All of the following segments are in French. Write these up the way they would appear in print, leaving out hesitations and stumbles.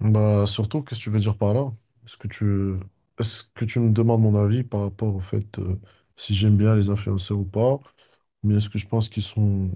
Bah, surtout, qu'est-ce que tu veux dire par là? Est-ce que tu, Est-ce que tu me demandes mon avis par rapport au fait si j'aime bien les influenceurs ou pas? Mais est-ce que je pense qu'ils sont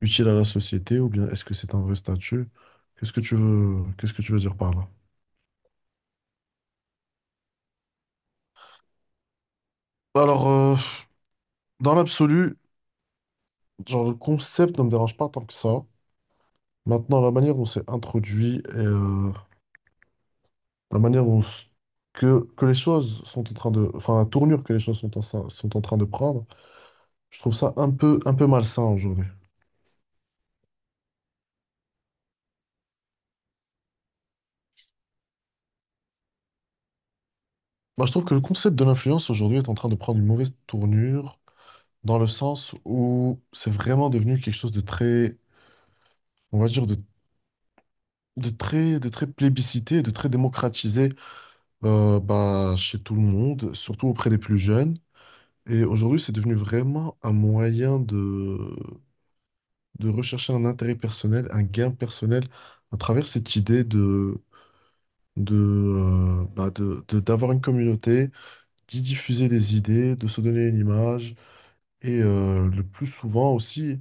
utiles à la société ou bien est-ce que c'est un vrai statut? Qu'est-ce que tu veux dire par là? Bah, alors, dans l'absolu, genre le concept ne me dérange pas tant que ça. Maintenant, la manière dont c'est introduit et la manière dont s- que les choses sont en train de, enfin la tournure que les choses sont en train de prendre. Je trouve ça un peu malsain aujourd'hui. Moi, je trouve que le concept de l'influence aujourd'hui est en train de prendre une mauvaise tournure dans le sens où c'est vraiment devenu quelque chose de très, on va dire, de très, de très plébiscité, de très démocratisé, bah, chez tout le monde, surtout auprès des plus jeunes. Et aujourd'hui, c'est devenu vraiment un moyen de rechercher un intérêt personnel, un gain personnel à travers cette idée de, bah, de- d'avoir une communauté, d'y diffuser des idées, de se donner une image et le plus souvent aussi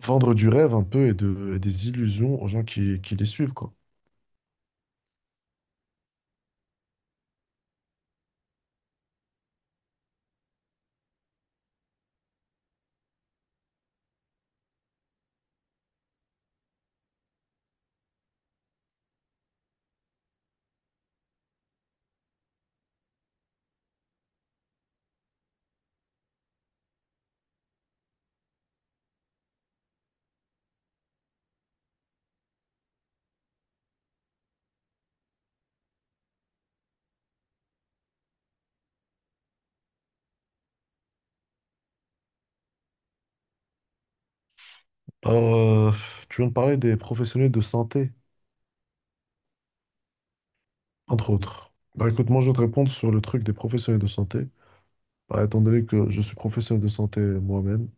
vendre du rêve un peu et des illusions aux gens qui les suivent, quoi. Alors, euh, tu viens de parler des professionnels de santé, entre autres. Bah écoute, moi je vais te répondre sur le truc des professionnels de santé. Bah, étant donné que je suis professionnel de santé moi-même,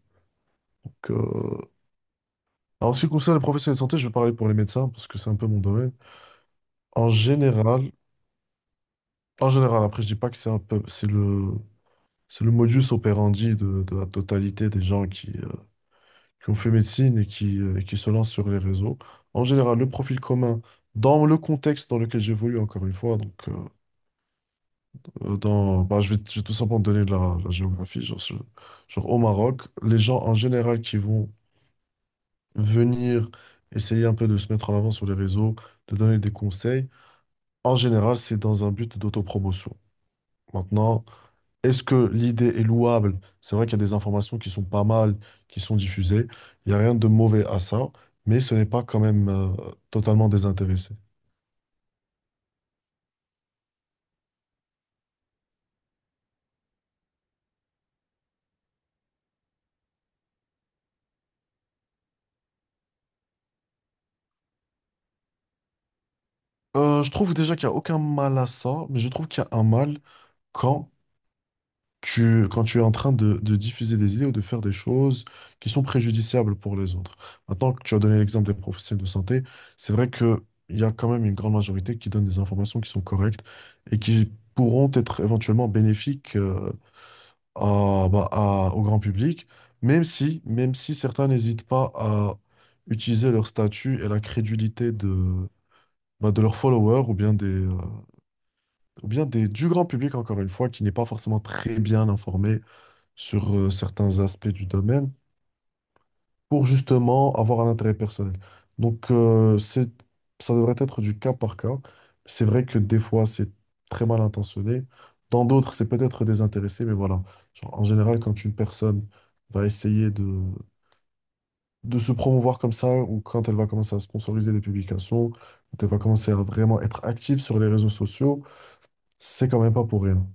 donc, alors, en ce qui concerne les professionnels de santé, je vais parler pour les médecins parce que c'est un peu mon domaine. En général, En général, après je dis pas que c'est un peu, c'est le, c'est le modus operandi de la totalité des gens qui ont fait médecine et qui se lancent sur les réseaux. En général, le profil commun, dans le contexte dans lequel j'évolue, encore une fois, donc, dans, bah, je vais tout simplement donner de la géographie, genre au Maroc, les gens en général qui vont venir essayer un peu de se mettre en avant sur les réseaux, de donner des conseils, en général, c'est dans un but d'autopromotion. Maintenant, est-ce que l'idée est louable? C'est vrai qu'il y a des informations qui sont pas mal, qui sont diffusées. Il n'y a rien de mauvais à ça, mais ce n'est pas quand même totalement désintéressé. Je trouve déjà qu'il n'y a aucun mal à ça, mais je trouve qu'il y a un mal quand quand tu es en train de diffuser des idées ou de faire des choses qui sont préjudiciables pour les autres. Maintenant que tu as donné l'exemple des professionnels de santé, c'est vrai que il y a quand même une grande majorité qui donne des informations qui sont correctes et qui pourront être éventuellement bénéfiques, bah, au grand public, même si certains n'hésitent pas à utiliser leur statut et la crédulité bah, de leurs followers ou bien des, du grand public, encore une fois, qui n'est pas forcément très bien informé sur certains aspects du domaine pour justement avoir un intérêt personnel. Donc, ça devrait être du cas par cas. C'est vrai que des fois, c'est très mal intentionné. Dans d'autres, c'est peut-être désintéressé, mais voilà. Genre, en général, quand une personne va essayer de se promouvoir comme ça, ou quand elle va commencer à sponsoriser des publications, quand elle va commencer à vraiment être active sur les réseaux sociaux, c'est quand même pas pour rien.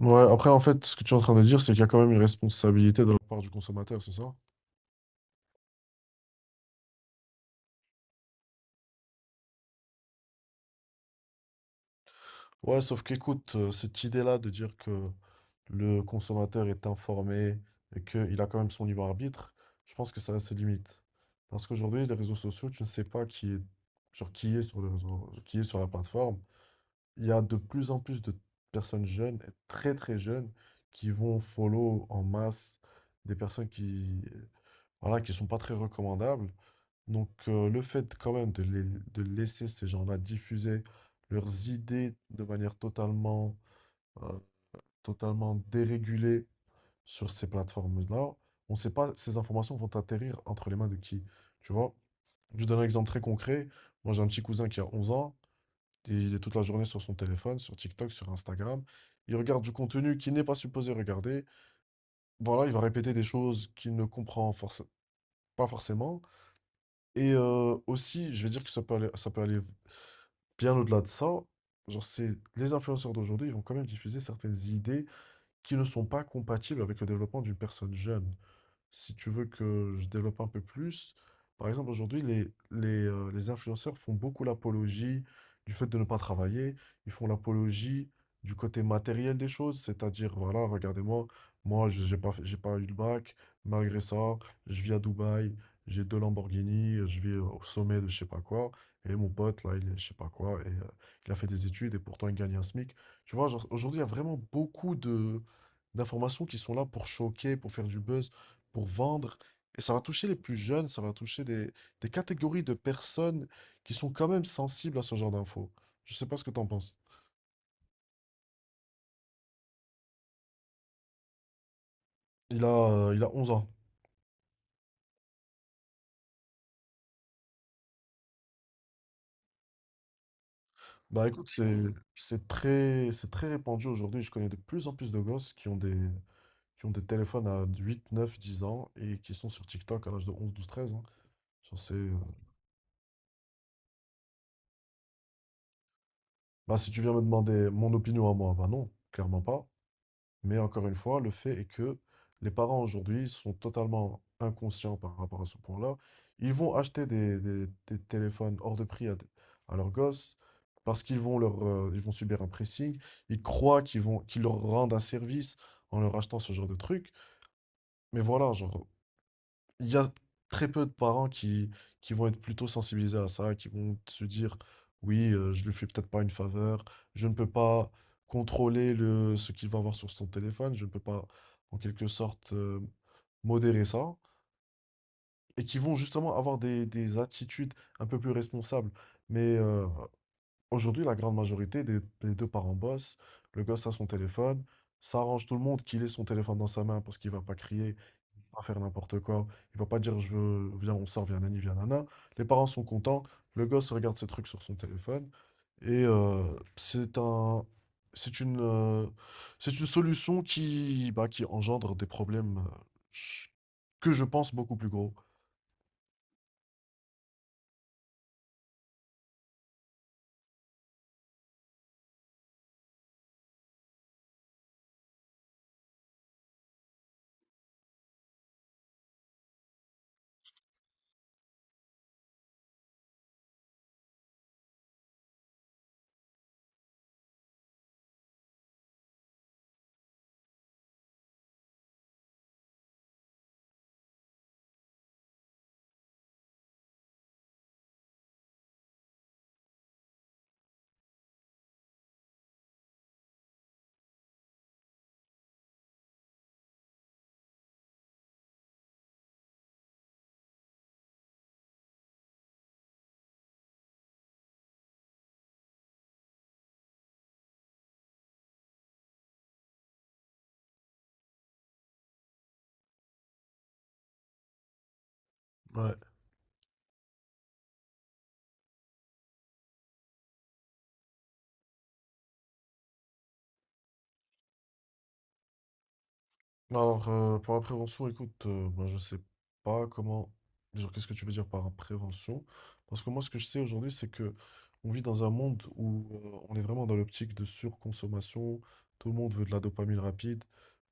Ouais, après, en fait, ce que tu es en train de dire, c'est qu'il y a quand même une responsabilité de la part du consommateur, c'est ça? Ouais, sauf qu'écoute, cette idée-là de dire que le consommateur est informé et qu'il a quand même son libre arbitre, je pense que ça a ses limites. Parce qu'aujourd'hui, les réseaux sociaux, tu ne sais pas qui est, genre, qui est sur les réseaux, qui est sur la plateforme. Il y a de plus en plus de personnes jeunes, et très très jeunes, qui vont follow en masse des personnes qui, voilà, qui sont pas très recommandables. Donc, le fait quand même de laisser ces gens-là diffuser leurs idées de manière euh, totalement dérégulée sur ces plateformes-là, on ne sait pas ces informations vont atterrir entre les mains de qui. Tu vois? Je te donne un exemple très concret. Moi, j'ai un petit cousin qui a 11 ans. Et il est toute la journée sur son téléphone, sur TikTok, sur Instagram. Il regarde du contenu qu'il n'est pas supposé regarder. Voilà, il va répéter des choses qu'il ne comprend forc- pas forcément. Et aussi, je vais dire que ça peut aller bien au-delà de ça. Genre, c'est les influenceurs d'aujourd'hui, ils vont quand même diffuser certaines idées qui ne sont pas compatibles avec le développement d'une personne jeune. Si tu veux que je développe un peu plus, par exemple, aujourd'hui, les influenceurs font beaucoup l'apologie du fait de ne pas travailler. Ils font l'apologie du côté matériel des choses, c'est-à-dire, voilà, regardez-moi, moi, j'ai pas eu le bac, malgré ça, je vis à Dubaï, j'ai deux Lamborghini, je vis au sommet de je sais pas quoi, et mon pote, là, il est je sais pas quoi, et il a fait des études, et pourtant, il gagne un SMIC. Tu vois, genre, aujourd'hui, il y a vraiment beaucoup de d'informations qui sont là pour choquer, pour faire du buzz, pour vendre. Et ça va toucher les plus jeunes, ça va toucher des catégories de personnes qui sont quand même sensibles à ce genre d'infos. Je sais pas ce que t'en penses. Il a 11 ans. Bah écoute, c'est très répandu aujourd'hui. Je connais de plus en plus de gosses qui ont des téléphones à 8 9 10 ans et qui sont sur TikTok à l'âge de 11 12 13 ans. Genre c'est, euh, Bah si tu viens me demander mon opinion à moi, bah non, clairement pas. Mais encore une fois, le fait est que les parents aujourd'hui sont totalement inconscients par rapport à ce point-là. Ils vont acheter des téléphones hors de prix à leurs gosses parce qu'ils vont ils vont subir un pressing. Ils croient qu'ils leur rendent un service en leur achetant ce genre de truc. Mais voilà, genre, il y a très peu de parents qui vont être plutôt sensibilisés à ça, qui vont se dire: «Oui, je lui fais peut-être pas une faveur, je ne peux pas contrôler le ce qu'il va voir sur son téléphone, je ne peux pas en quelque sorte, modérer ça», et qui vont justement avoir des attitudes un peu plus responsables. Mais, aujourd'hui, la grande majorité des 2 parents bossent, le gosse a son téléphone, ça arrange tout le monde qu'il ait son téléphone dans sa main parce qu'il va pas crier, pas faire n'importe quoi. Il va pas dire je veux, viens, on sort, viens, nani, viens, nana. Les parents sont contents. Le gosse regarde ses trucs sur son téléphone. Et c'est un, c'est une, euh, c'est une solution qui, bah, qui engendre des problèmes, ch- que je pense beaucoup plus gros. Ouais. Alors, pour la prévention, écoute, moi, je sais pas comment. Genre, qu'est-ce que tu veux dire par prévention? Parce que moi, ce que je sais aujourd'hui, c'est que on vit dans un monde où on est vraiment dans l'optique de surconsommation. Tout le monde veut de la dopamine rapide,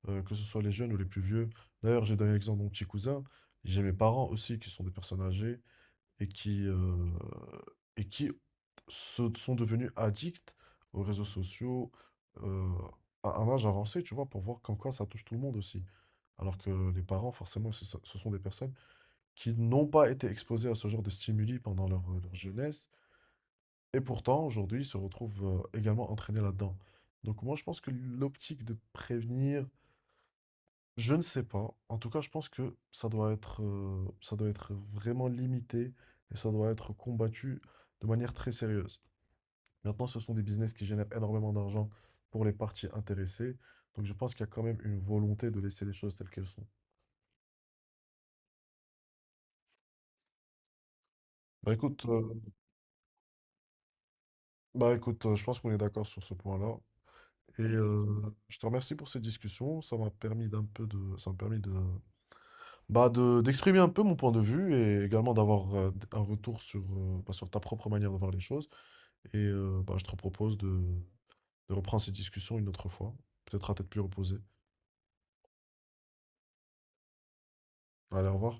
que ce soit les jeunes ou les plus vieux. D'ailleurs, j'ai donné l'exemple de mon petit cousin. J'ai mes parents aussi qui sont des personnes âgées et et qui se sont devenus addicts aux réseaux sociaux, euh, à un âge avancé, tu vois, pour voir comme quoi ça touche tout le monde aussi. Alors que les parents, forcément, ce sont des personnes qui n'ont pas été exposées à ce genre de stimuli pendant leur jeunesse, et pourtant, aujourd'hui, ils se retrouvent, également entraînés là-dedans. Donc moi, je pense que l'optique de prévenir, je ne sais pas. En tout cas, je pense que ça doit être vraiment limité et ça doit être combattu de manière très sérieuse. Maintenant, ce sont des business qui génèrent énormément d'argent pour les parties intéressées. Donc, je pense qu'il y a quand même une volonté de laisser les choses telles qu'elles sont. Bah écoute, euh, bah écoute, je pense qu'on est d'accord sur ce point-là. Et je te remercie pour cette discussion. Ça m'a permis d'exprimer un peu mon point de vue et également d'avoir un retour sur ta propre manière de voir les choses. Et bah, je te propose de reprendre cette discussion une autre fois, peut-être à tête plus reposée. Allez, au revoir.